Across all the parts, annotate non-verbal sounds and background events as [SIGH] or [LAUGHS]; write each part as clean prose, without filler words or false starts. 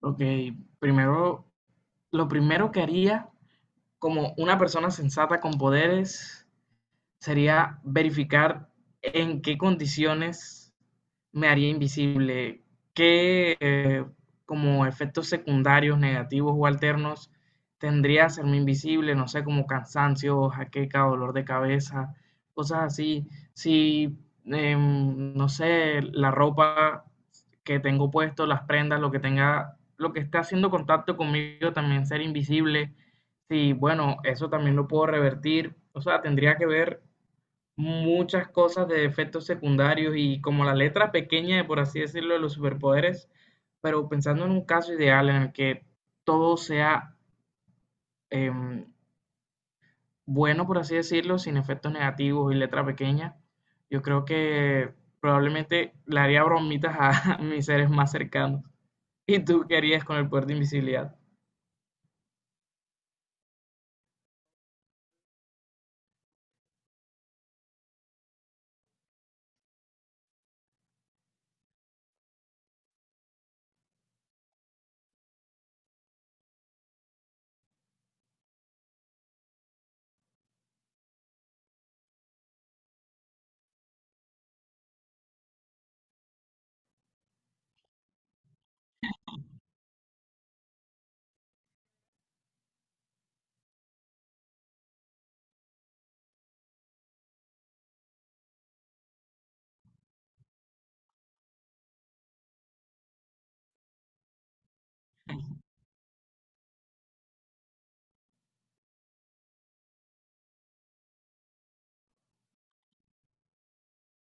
Ok, primero, lo primero que haría como una persona sensata con poderes sería verificar en qué condiciones me haría invisible. ¿Qué como efectos secundarios, negativos o alternos tendría hacerme invisible? No sé, como cansancio, jaqueca, dolor de cabeza, cosas así. Si, no sé, la ropa que tengo puesto, las prendas, lo que tenga, lo que esté haciendo contacto conmigo también ser invisible. Sí, bueno, eso también lo puedo revertir. O sea, tendría que ver muchas cosas de efectos secundarios y como la letra pequeña, por así decirlo, de los superpoderes, pero pensando en un caso ideal en el que todo sea em, bueno, por así decirlo, sin efectos negativos y letra pequeña, yo creo que probablemente le haría bromitas a [LAUGHS] mis seres más cercanos. ¿Y tú qué harías con el poder de invisibilidad?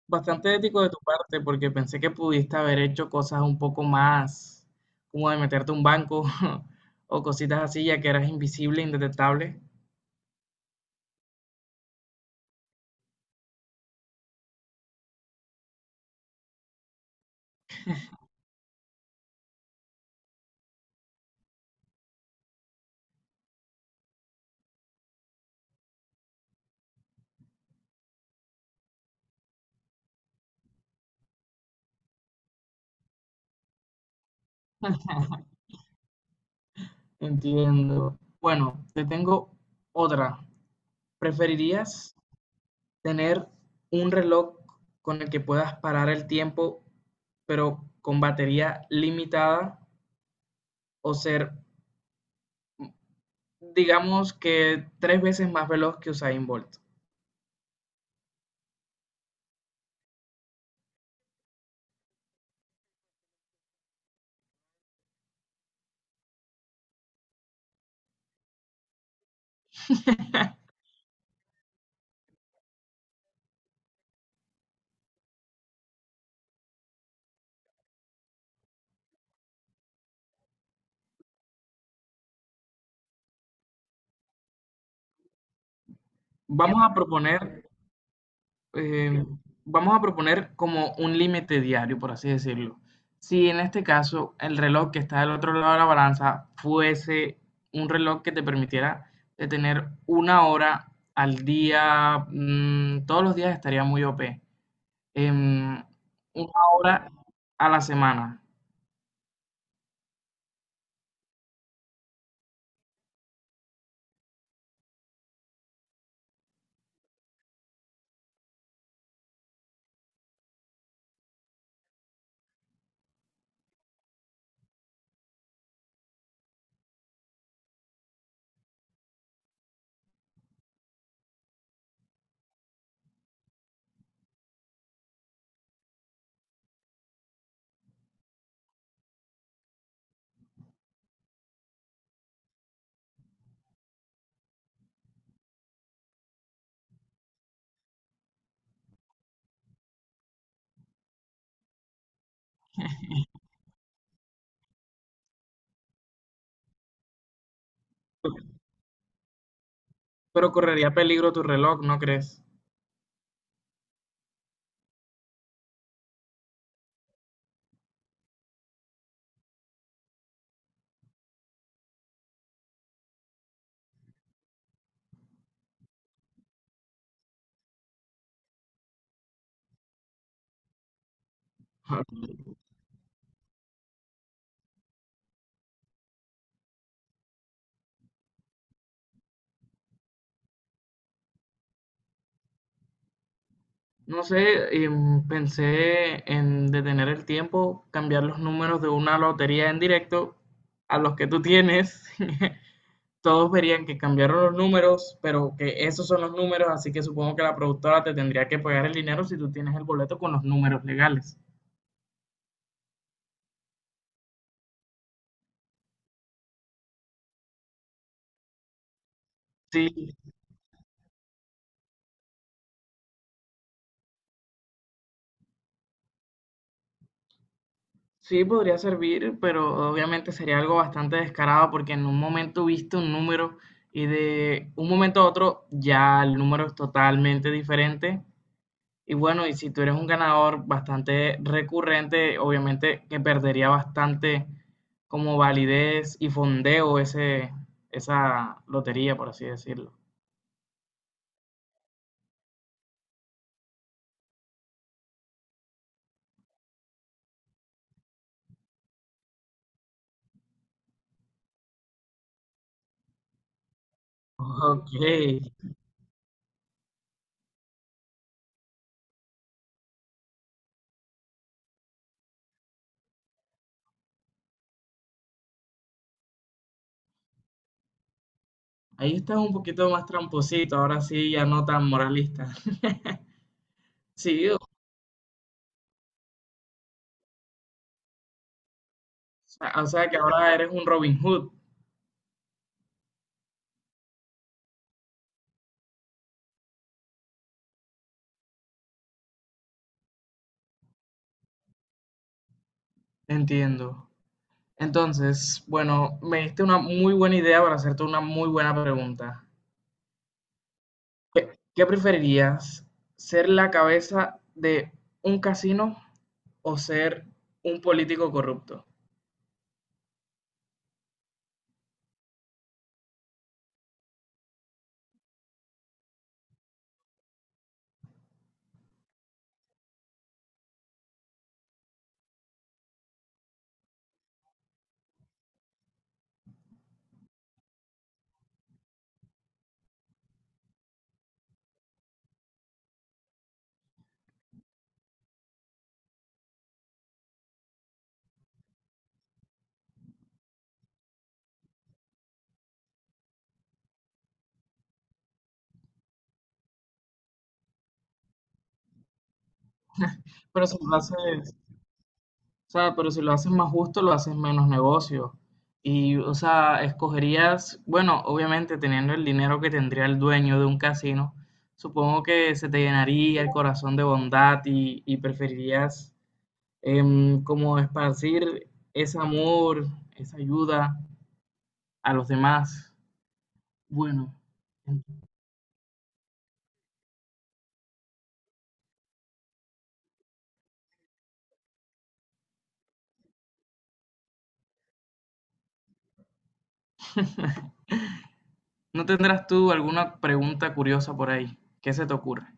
Bastante ético de tu parte, porque pensé que pudiste haber hecho cosas un poco más, como de meterte a un banco [LAUGHS] o cositas así, ya que eras invisible, indetectable. Entiendo. Bueno, te tengo otra. ¿Preferirías tener un reloj con el que puedas parar el tiempo, pero con batería limitada, o ser, digamos que tres veces más veloz que Usain Bolt? Vamos a proponer eh, vamos a proponer como un límite diario, por así decirlo. Si en este caso el reloj que está del otro lado de la balanza fuese un reloj que te permitiera detener una hora al día, mm, todos los días estaría muy OP. Em, una hora a la semana, pero correría peligro tu reloj, ¿no crees? [LAUGHS] No sé, pensé en detener el tiempo, cambiar los números de una lotería en directo a los que tú tienes. [LAUGHS] Todos verían que cambiaron los números, pero que esos son los números, así que supongo que la productora te tendría que pagar el dinero si tú tienes el boleto con los números legales. Sí, sí podría servir, pero obviamente sería algo bastante descarado porque en un momento viste un número y de un momento a otro ya el número es totalmente diferente. Y bueno, y si tú eres un ganador bastante recurrente, obviamente que perdería bastante como validez y fondeo esa lotería, por así decirlo. Ok, ahí estás un poquito más tramposito, ahora sí ya no tan moralista. [LAUGHS] Sí, o sea que ahora eres un Robin Hood, entiendo. Entonces, bueno, me diste una muy buena idea para hacerte una muy buena pregunta. ¿Qué preferirías? ¿Ser la cabeza de un casino o ser un político corrupto? Pero si lo haces, o sea, pero si lo haces más justo, lo haces menos negocio. Y, o sea, escogerías, bueno, obviamente teniendo el dinero que tendría el dueño de un casino, supongo que se te llenaría el corazón de bondad y preferirías como esparcir ese amor, esa ayuda a los demás. Bueno. ¿No tendrás tú alguna pregunta curiosa por ahí? ¿Qué se te ocurre?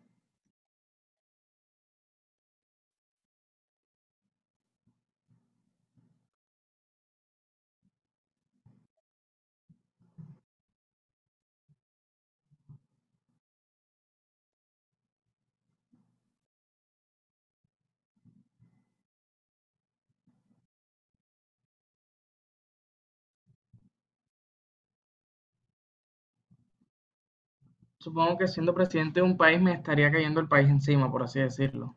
Supongo que siendo presidente de un país me estaría cayendo el país encima, por así decirlo.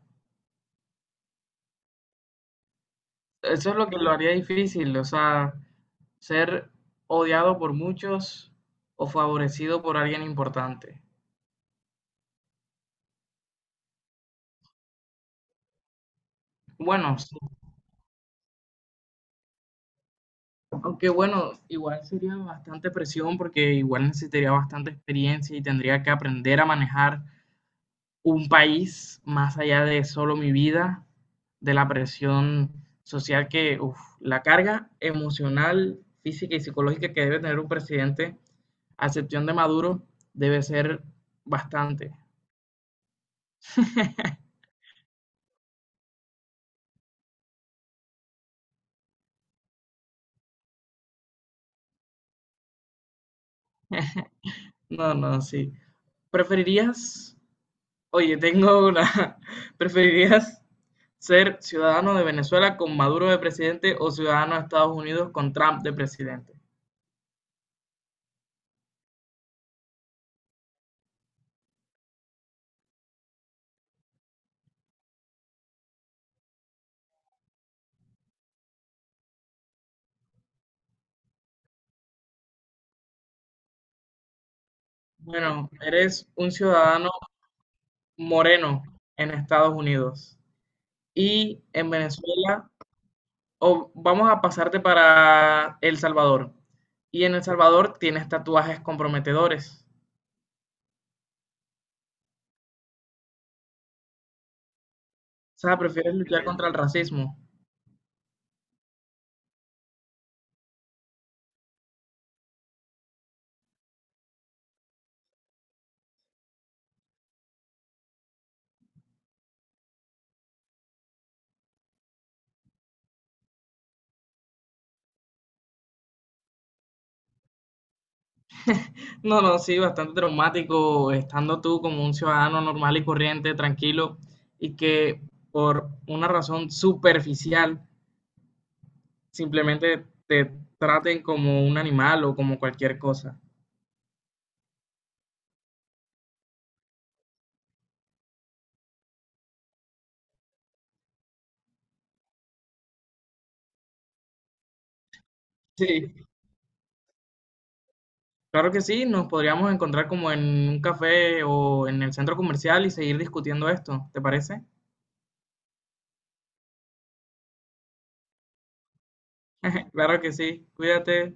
Eso es lo que lo haría difícil, o sea, ser odiado por muchos o favorecido por alguien importante. Bueno, sí, aunque bueno, igual sería bastante presión porque igual necesitaría bastante experiencia y tendría que aprender a manejar un país más allá de solo mi vida, de la presión social que, uf, la carga emocional, física y psicológica que debe tener un presidente, a excepción de Maduro, debe ser bastante. [LAUGHS] No, no, sí. ¿Preferirías, oye, tengo una, [LAUGHS] ¿preferirías ser ciudadano de Venezuela con Maduro de presidente o ciudadano de Estados Unidos con Trump de presidente? Bueno, eres un ciudadano Moreno en Estados Unidos y en Venezuela, o vamos a pasarte para El Salvador. Y en El Salvador tienes tatuajes comprometedores. O sea, prefieres luchar contra el racismo. No, no, sí, bastante traumático estando tú como un ciudadano normal y corriente, tranquilo, y que por una razón superficial simplemente te traten como un animal o como cualquier cosa. Sí. Claro que sí, nos podríamos encontrar como en un café o en el centro comercial y seguir discutiendo esto, ¿te parece? [LAUGHS] Claro que sí, cuídate.